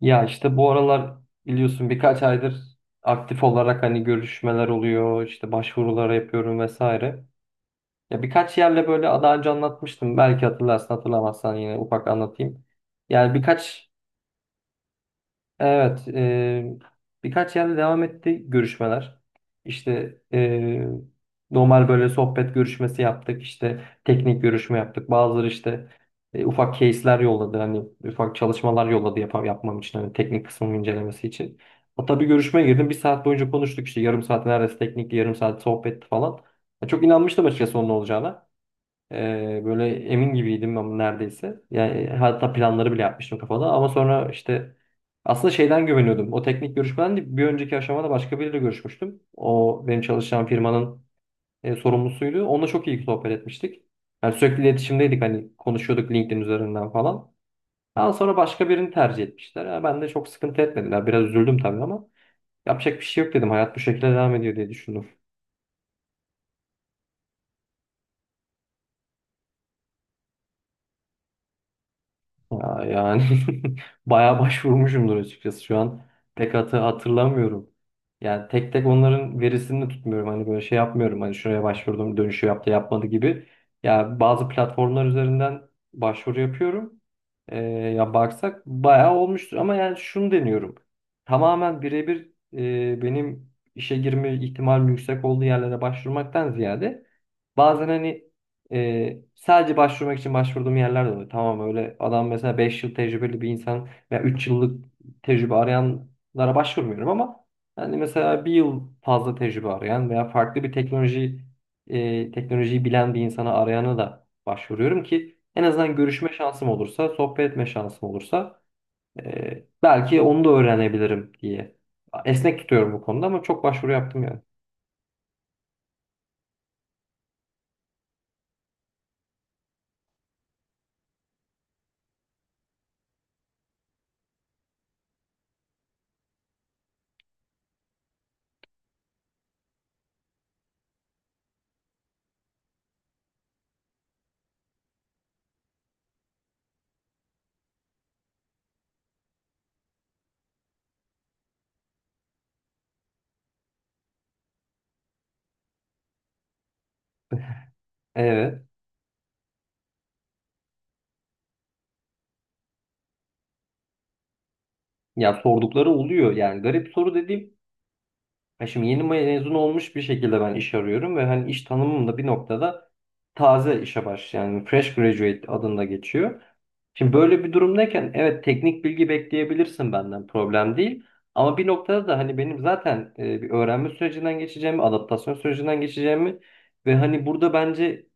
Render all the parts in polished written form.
Ya işte bu aralar biliyorsun birkaç aydır aktif olarak hani görüşmeler oluyor, işte başvurular yapıyorum vesaire. Ya birkaç yerle böyle daha önce anlatmıştım. Belki hatırlarsın, hatırlamazsan yine ufak anlatayım. Yani birkaç Evet. Birkaç yerde devam etti görüşmeler. İşte, normal böyle sohbet görüşmesi yaptık, işte teknik görüşme yaptık. Bazıları işte ufak case'ler yolladı, hani ufak çalışmalar yolladı yapmam için, hani teknik kısmının incelemesi için. Hatta bir görüşmeye girdim, bir saat boyunca konuştuk işte yarım saat neredeyse teknikli, yarım saat sohbetti falan. Ya çok inanmıştım açıkçası onun olacağına. Böyle emin gibiydim ama neredeyse. Yani hatta planları bile yapmıştım kafada ama sonra işte aslında şeyden güveniyordum. O teknik görüşmeden değil, bir önceki aşamada başka biriyle görüşmüştüm. O benim çalışacağım firmanın sorumlusuydu. Onunla çok iyi sohbet etmiştik. Yani sürekli iletişimdeydik hani konuşuyorduk LinkedIn üzerinden falan. Daha sonra başka birini tercih etmişler. Yani ben de çok sıkıntı etmediler. Biraz üzüldüm tabii ama yapacak bir şey yok dedim. Hayat bu şekilde devam ediyor diye düşündüm. Ya yani bayağı başvurmuşumdur açıkçası şu an. Pek hatırlamıyorum. Yani tek tek onların verisini de tutmuyorum. Hani böyle şey yapmıyorum. Hani şuraya başvurdum, dönüşü yaptı, yapmadı gibi. Ya bazı platformlar üzerinden başvuru yapıyorum. Ya baksak bayağı olmuştur ama yani şunu deniyorum. Tamamen birebir benim işe girme ihtimalim yüksek olduğu yerlere başvurmaktan ziyade bazen hani sadece başvurmak için başvurduğum yerler de oluyor. Tamam öyle adam mesela 5 yıl tecrübeli bir insan veya 3 yıllık tecrübe arayanlara başvurmuyorum ama yani mesela bir yıl fazla tecrübe arayan veya farklı bir teknolojiyi bilen bir arayana da başvuruyorum ki en azından görüşme şansım olursa, sohbet etme şansım olursa belki onu da öğrenebilirim diye. Esnek tutuyorum bu konuda ama çok başvuru yaptım yani. Evet. Ya sordukları oluyor yani garip soru dediğim. Ya şimdi yeni mezun olmuş bir şekilde ben iş arıyorum ve hani iş tanımım da bir noktada taze işe yani fresh graduate adında geçiyor. Şimdi böyle bir durumdayken evet teknik bilgi bekleyebilirsin benden, problem değil. Ama bir noktada da hani benim zaten bir öğrenme sürecinden geçeceğimi, adaptasyon sürecinden geçeceğimi ve hani burada bence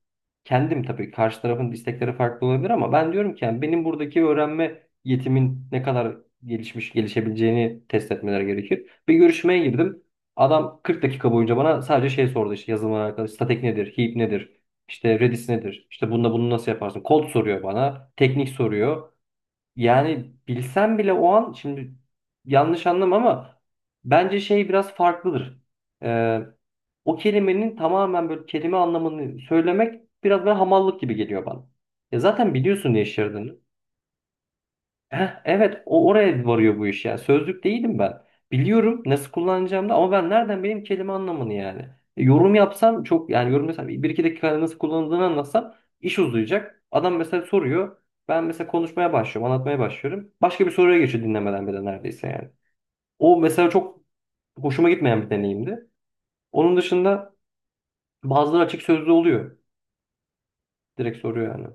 kendim tabii karşı tarafın istekleri farklı olabilir ama ben diyorum ki yani benim buradaki öğrenme yetimin ne kadar gelişmiş gelişebileceğini test etmeleri gerekir. Bir görüşmeye girdim. Adam 40 dakika boyunca bana sadece şey sordu işte yazılımla alakalı. Statik nedir? Heap nedir? İşte Redis nedir? İşte bununla bunu nasıl yaparsın? Kod soruyor bana. Teknik soruyor. Yani bilsem bile o an şimdi yanlış anlama ama bence şey biraz farklıdır. Ee, O kelimenin tamamen böyle kelime anlamını söylemek biraz böyle hamallık gibi geliyor bana. Ya zaten biliyorsun ne iş yaradığını. Heh, evet o oraya varıyor bu iş ya. Sözlük değilim ben. Biliyorum nasıl kullanacağımı da ama ben nereden benim kelime anlamını yani. Yorum yapsam çok yani yorum mesela bir iki dakika nasıl kullanıldığını anlatsam iş uzayacak. Adam mesela soruyor. Ben mesela konuşmaya başlıyorum, anlatmaya başlıyorum. Başka bir soruya geçiyor dinlemeden bile neredeyse yani. O mesela çok hoşuma gitmeyen bir deneyimdi. Onun dışında bazıları açık sözlü oluyor. Direkt soruyor yani.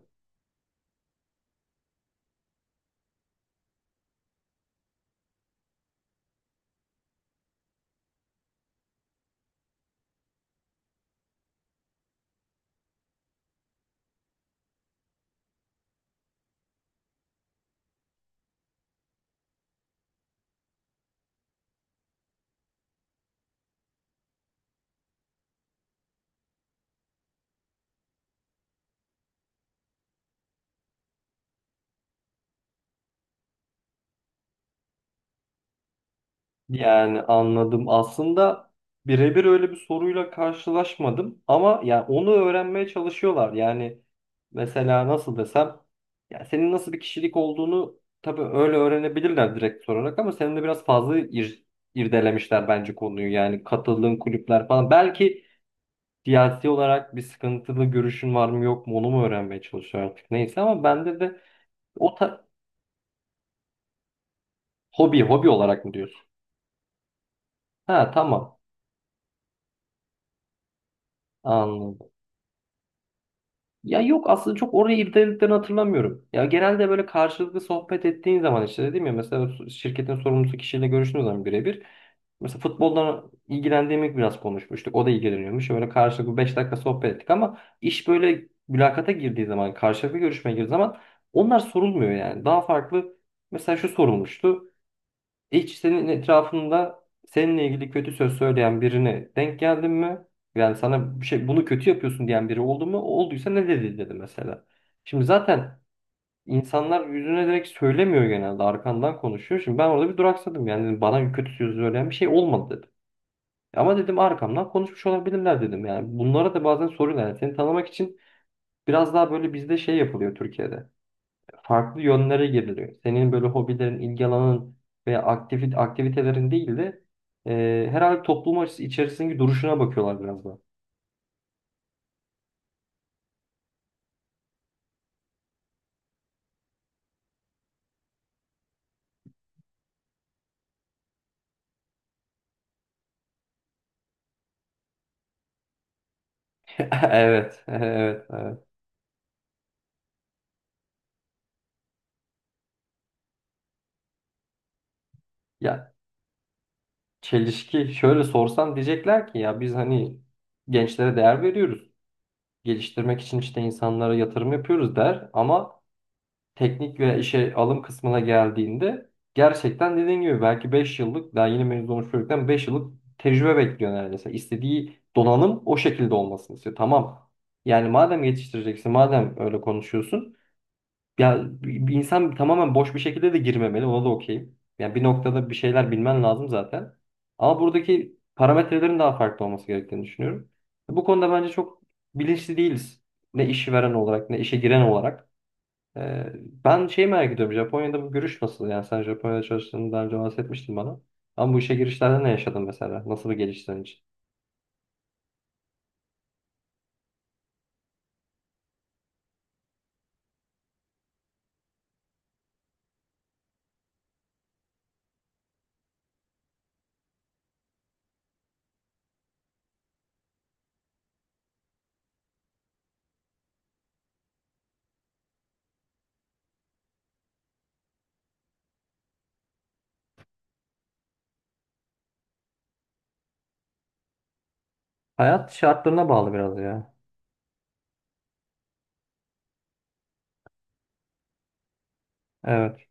Yani anladım. Aslında birebir öyle bir soruyla karşılaşmadım ama yani onu öğrenmeye çalışıyorlar. Yani mesela nasıl desem, ya senin nasıl bir kişilik olduğunu tabii öyle öğrenebilirler direkt sorarak ama senin de biraz fazla irdelemişler bence konuyu. Yani katıldığın kulüpler falan. Belki siyasi olarak bir sıkıntılı görüşün var mı yok mu onu mu öğrenmeye çalışıyor artık neyse ama bende de o ta- hobi hobi olarak mı diyorsun? Ha, tamam. Anladım. Ya yok aslında çok oraya irdelediklerini hatırlamıyorum. Ya genelde böyle karşılıklı sohbet ettiğin zaman işte dedim ya mesela şirketin sorumlusu kişiyle görüştüğün zaman birebir mesela futboldan ilgilendiğimi biraz konuşmuştuk. O da ilgileniyormuş. Böyle karşılıklı 5 dakika sohbet ettik ama iş böyle mülakata girdiği zaman, karşılıklı görüşmeye girdiği zaman onlar sorulmuyor yani. Daha farklı, mesela şu sorulmuştu. Hiç senin etrafında seninle ilgili kötü söz söyleyen birine denk geldin mi? Yani sana bir şey, bunu kötü yapıyorsun diyen biri oldu mu? Olduysa ne dedi dedi mesela. Şimdi zaten insanlar yüzüne direkt söylemiyor, genelde arkandan konuşuyor. Şimdi ben orada bir duraksadım yani dedim, bana kötü söz söyleyen bir şey olmadı dedim. Ama dedim arkamdan konuşmuş olabilirler dedim yani. Bunlara da bazen soruyorlar. Yani seni tanımak için biraz daha böyle bizde şey yapılıyor, Türkiye'de farklı yönlere giriliyor. Senin böyle hobilerin, ilgi alanın veya aktivitelerin değil de herhalde toplum açısı içerisindeki duruşuna bakıyorlar biraz da. Evet, evet, evet. Ya çelişki şöyle, sorsan diyecekler ki ya biz hani gençlere değer veriyoruz. Geliştirmek için işte insanlara yatırım yapıyoruz der ama teknik ve işe alım kısmına geldiğinde gerçekten dediğin gibi belki 5 yıllık daha yeni mezun olmuş çocuktan 5 yıllık tecrübe bekliyor neredeyse. İstediği donanım o şekilde olmasını istiyor. Tamam. Yani madem yetiştireceksin, madem öyle konuşuyorsun, ya bir insan tamamen boş bir şekilde de girmemeli. Ona da okeyim. Yani bir noktada bir şeyler bilmen lazım zaten. Ama buradaki parametrelerin daha farklı olması gerektiğini düşünüyorum. Bu konuda bence çok bilinçli değiliz. Ne işi veren olarak ne işe giren olarak. Ben şeyi merak ediyorum. Japonya'da bu görüş nasıl? Yani sen Japonya'da çalıştığını daha önce bahsetmiştin bana. Ama bu işe girişlerde ne yaşadın mesela? Nasıl bir gelişti senin için? Hayat şartlarına bağlı biraz ya. Evet.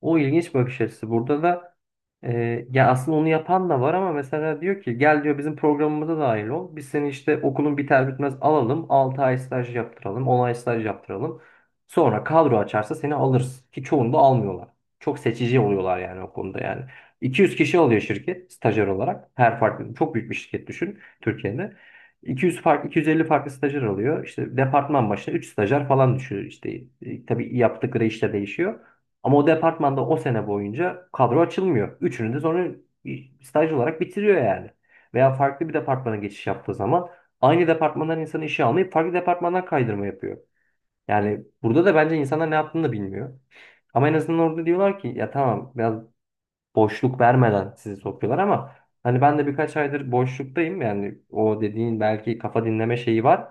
O ilginç bakış açısı. Burada da ya aslında onu yapan da var ama mesela diyor ki gel diyor bizim programımıza dahil ol. Biz seni işte okulun biter bitmez alalım. 6 ay staj yaptıralım. 10 ay staj yaptıralım. Sonra kadro açarsa seni alırız. Ki çoğunu da almıyorlar. Çok seçici oluyorlar yani o konuda yani. 200 kişi alıyor şirket stajyer olarak. Her farklı çok büyük bir şirket düşün Türkiye'de. 200 farklı 250 farklı stajyer alıyor. İşte departman başına 3 stajyer falan düşüyor. İşte tabii yaptıkları işte değişiyor. Ama o departmanda o sene boyunca kadro açılmıyor. Üçünü de sonra staj olarak bitiriyor yani. Veya farklı bir departmana geçiş yaptığı zaman aynı departmandan insanı işe almayıp farklı departmandan kaydırma yapıyor. Yani burada da bence insanlar ne yaptığını da bilmiyor. Ama en azından orada diyorlar ki ya tamam, biraz boşluk vermeden sizi sokuyorlar ama hani ben de birkaç aydır boşluktayım yani, o dediğin belki kafa dinleme şeyi var.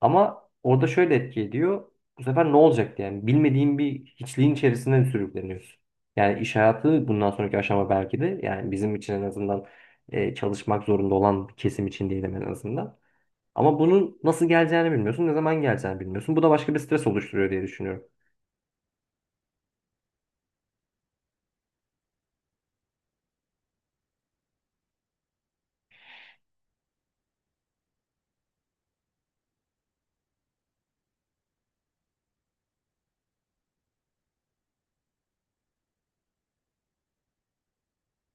Ama orada şöyle etki ediyor. Bu sefer ne olacak diye. Yani bilmediğin bir hiçliğin içerisinde sürükleniyorsun. Yani iş hayatı bundan sonraki aşama belki de yani bizim için en azından çalışmak zorunda olan bir kesim için, değilim en azından. Ama bunun nasıl geleceğini bilmiyorsun, ne zaman geleceğini bilmiyorsun. Bu da başka bir stres oluşturuyor diye düşünüyorum.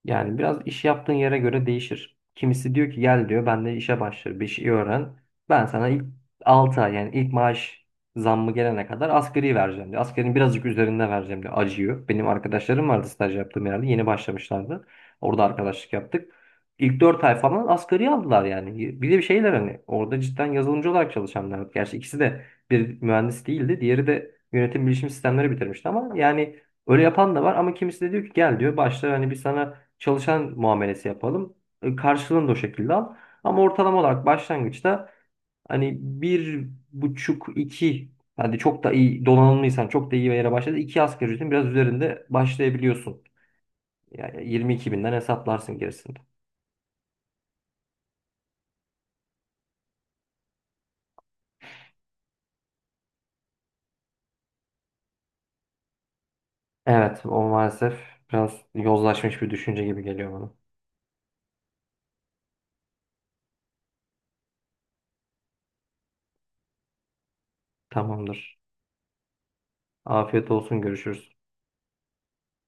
Yani biraz iş yaptığın yere göre değişir. Kimisi diyor ki gel diyor ben de işe başlar bir şey öğren. Ben sana ilk 6 ay yani ilk maaş zammı gelene kadar asgari vereceğim diyor. Asgarinin birazcık üzerinde vereceğim diyor. Acıyor. Benim arkadaşlarım vardı staj yaptığım yerde yeni başlamışlardı. Orada arkadaşlık yaptık. İlk 4 ay falan asgari aldılar yani. Bir de bir şeyler hani orada cidden yazılımcı olarak çalışanlar. Gerçi ikisi de bir mühendis değildi. Diğeri de yönetim bilişim sistemleri bitirmişti ama yani öyle yapan da var ama kimisi de diyor ki gel diyor başla hani bir sana çalışan muamelesi yapalım. Karşılığını da o şekilde al. Ama ortalama olarak başlangıçta hani bir buçuk iki, hadi çok da iyi donanımlıysan çok da iyi bir yere başladı, iki asgari ücretin biraz üzerinde başlayabiliyorsun. Yani 22.000'den hesaplarsın gerisinde. Evet o maalesef biraz yozlaşmış bir düşünce gibi geliyor bana. Tamamdır. Afiyet olsun, görüşürüz.